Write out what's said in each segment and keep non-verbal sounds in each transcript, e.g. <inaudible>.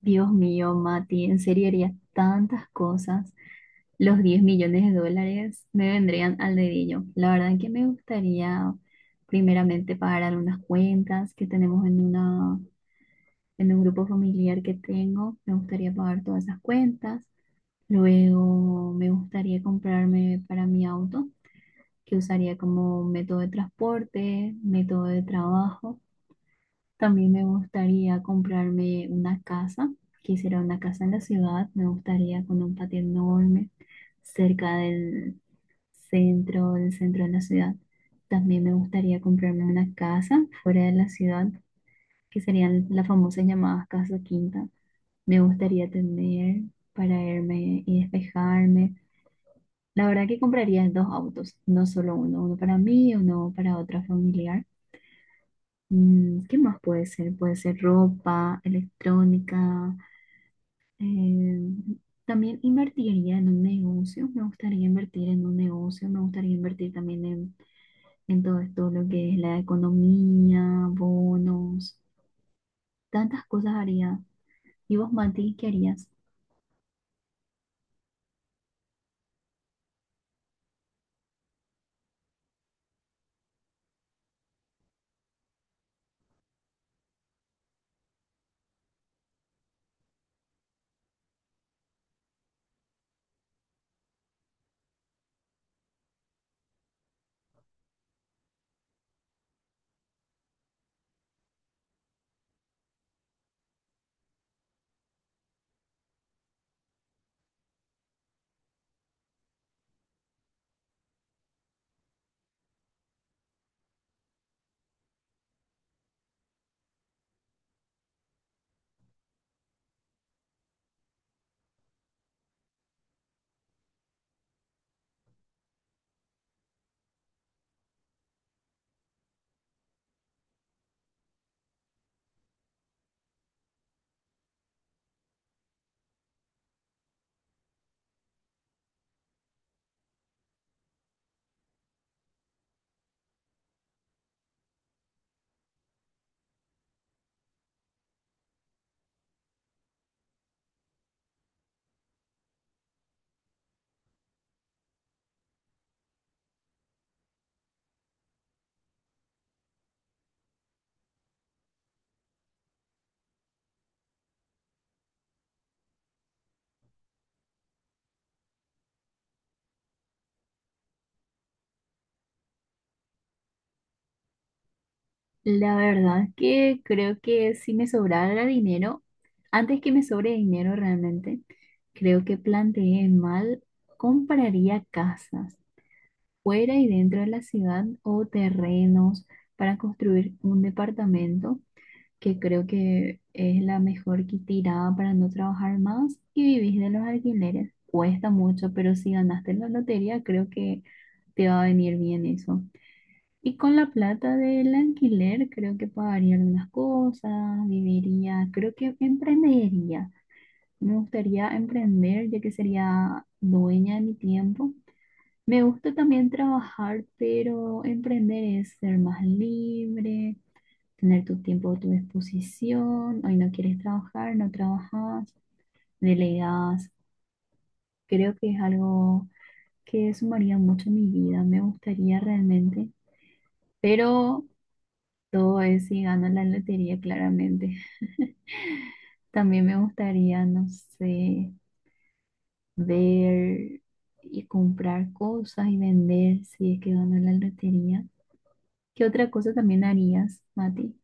Dios mío, Mati, en serio haría tantas cosas. Los 10 millones de dólares me vendrían al dedillo. La verdad que me gustaría primeramente pagar algunas cuentas que tenemos en un grupo familiar que tengo. Me gustaría pagar todas esas cuentas. Luego me gustaría comprarme para mi auto, que usaría como método de transporte, método de trabajo. También me gustaría comprarme una casa. Quisiera una casa en la ciudad. Me gustaría con un patio enorme cerca del centro de la ciudad. También me gustaría comprarme una casa fuera de la ciudad, que serían las famosas llamadas casa quinta. Me gustaría tener para irme y despejarme. La verdad que compraría dos autos, no solo uno, uno para mí y uno para otra familiar. Mm, ¿qué más puede ser? Puede ser ropa, electrónica. eh, También invertiría en un negocio. Me gustaría invertir en un negocio. Me gustaría invertir en todo esto, lo que es la economía, bonos. Tantas cosas haría. ¿Y vos, Mati, qué harías? La verdad que creo que si me sobrara dinero, antes que me sobre dinero realmente, creo que planteé mal, compraría casas fuera y dentro de la ciudad o terrenos para construir un departamento, que creo que es la mejor que tirada para no trabajar más y vivís de los alquileres. Cuesta mucho, pero si ganaste la lotería, creo que te va a venir bien eso. Y con la plata del alquiler, creo que pagaría algunas cosas, viviría, creo que emprendería. Me gustaría emprender, ya que sería dueña de mi tiempo. Me gusta también trabajar, pero emprender es ser más libre, tener tu tiempo a tu disposición. Hoy no quieres trabajar, no trabajas, delegas. Creo que es algo que sumaría mucho a mi vida, me gustaría realmente, pero todo es si gano la lotería, claramente. <laughs> También me gustaría, no sé, ver y comprar cosas y vender si es que gano la lotería. ¿Qué otra cosa también harías, Mati?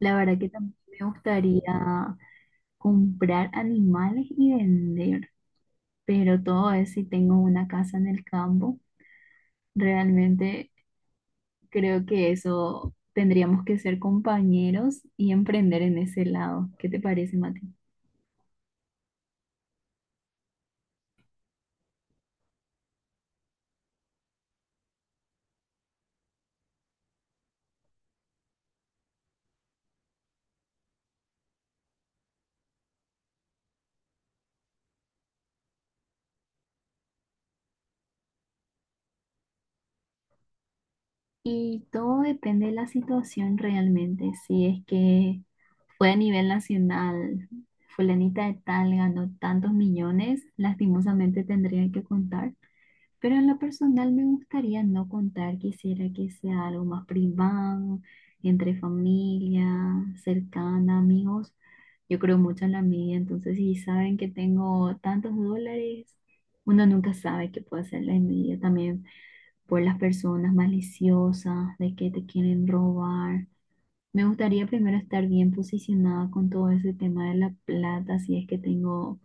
La verdad que también me gustaría comprar animales y vender, pero todo eso si tengo una casa en el campo. Realmente creo que eso tendríamos que ser compañeros y emprender en ese lado. ¿Qué te parece, Mati? Y todo depende de la situación realmente. Si es que fue a nivel nacional, fulanita de tal ganó tantos millones, lastimosamente tendría que contar. Pero en lo personal me gustaría no contar, quisiera que sea algo más privado, entre familia, cercana, amigos. Yo creo mucho en la media, entonces si saben que tengo tantos dólares, uno nunca sabe qué puede hacer la envidia también por las personas maliciosas, de que te quieren robar. Me gustaría primero estar bien posicionada con todo ese tema de la plata, si es que tengo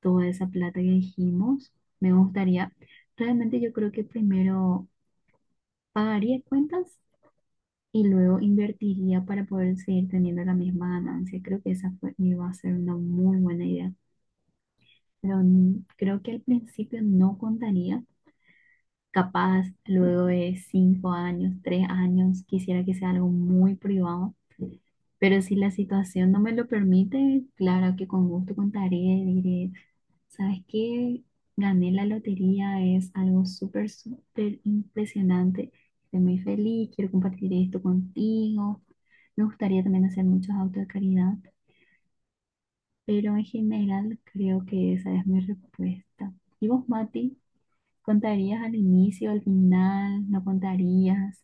toda esa plata que dijimos. Me gustaría, realmente yo creo que primero pagaría cuentas y luego invertiría para poder seguir teniendo la misma ganancia. Creo que esa fue, iba a ser una muy buena idea. Pero creo que al principio no contaría. Capaz luego de 5 años, 3 años, quisiera que sea algo muy privado. Pero si la situación no me lo permite, claro que con gusto contaré, diré: sabes que gané la lotería, es algo súper, súper impresionante. Estoy muy feliz, quiero compartir esto contigo. Me gustaría también hacer muchos autos de caridad, pero en general creo que esa es mi respuesta. ¿Y vos, Mati? ¿Contarías al inicio, al final? ¿No contarías?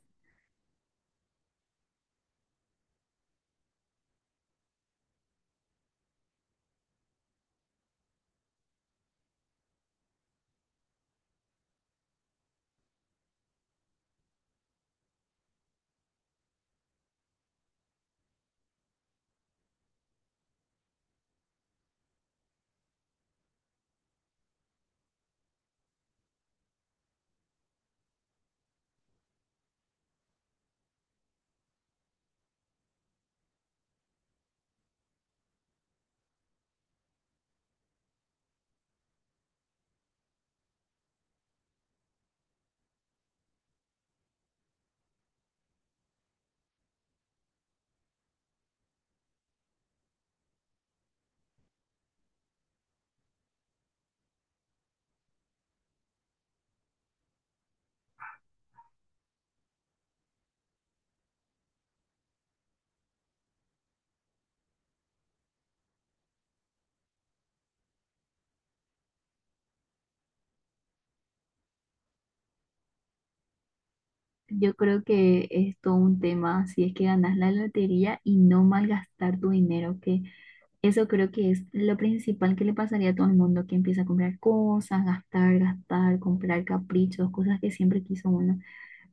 Yo creo que es todo un tema, si es que ganas la lotería y no malgastar tu dinero, que eso creo que es lo principal que le pasaría a todo el mundo que empieza a comprar cosas, gastar, gastar, comprar caprichos, cosas que siempre quiso uno.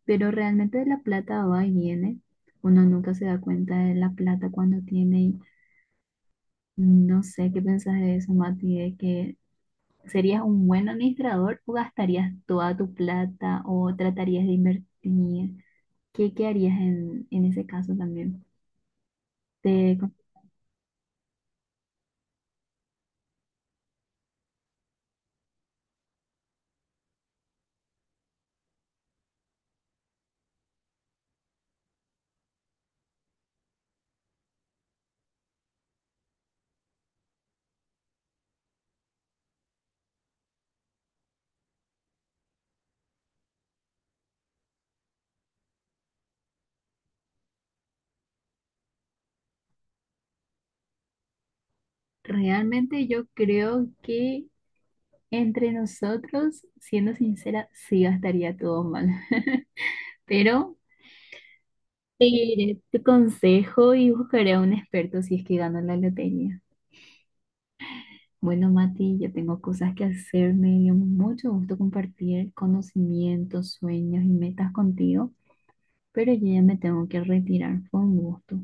Pero realmente la plata va y viene. Uno nunca se da cuenta de la plata cuando tiene. No sé qué pensás de eso, Mati, de que serías un buen administrador o gastarías toda tu plata o tratarías de invertir. ¿Qué harías en ese caso también? Te- Realmente yo creo que, entre nosotros, siendo sincera, sí gastaría todo mal, <laughs> pero seguiré tu consejo y buscaré a un experto si es que gano la lotería. Bueno, Mati, yo tengo cosas que hacer, me dio mucho gusto compartir conocimientos, sueños y metas contigo, pero yo ya me tengo que retirar. Fue un gusto.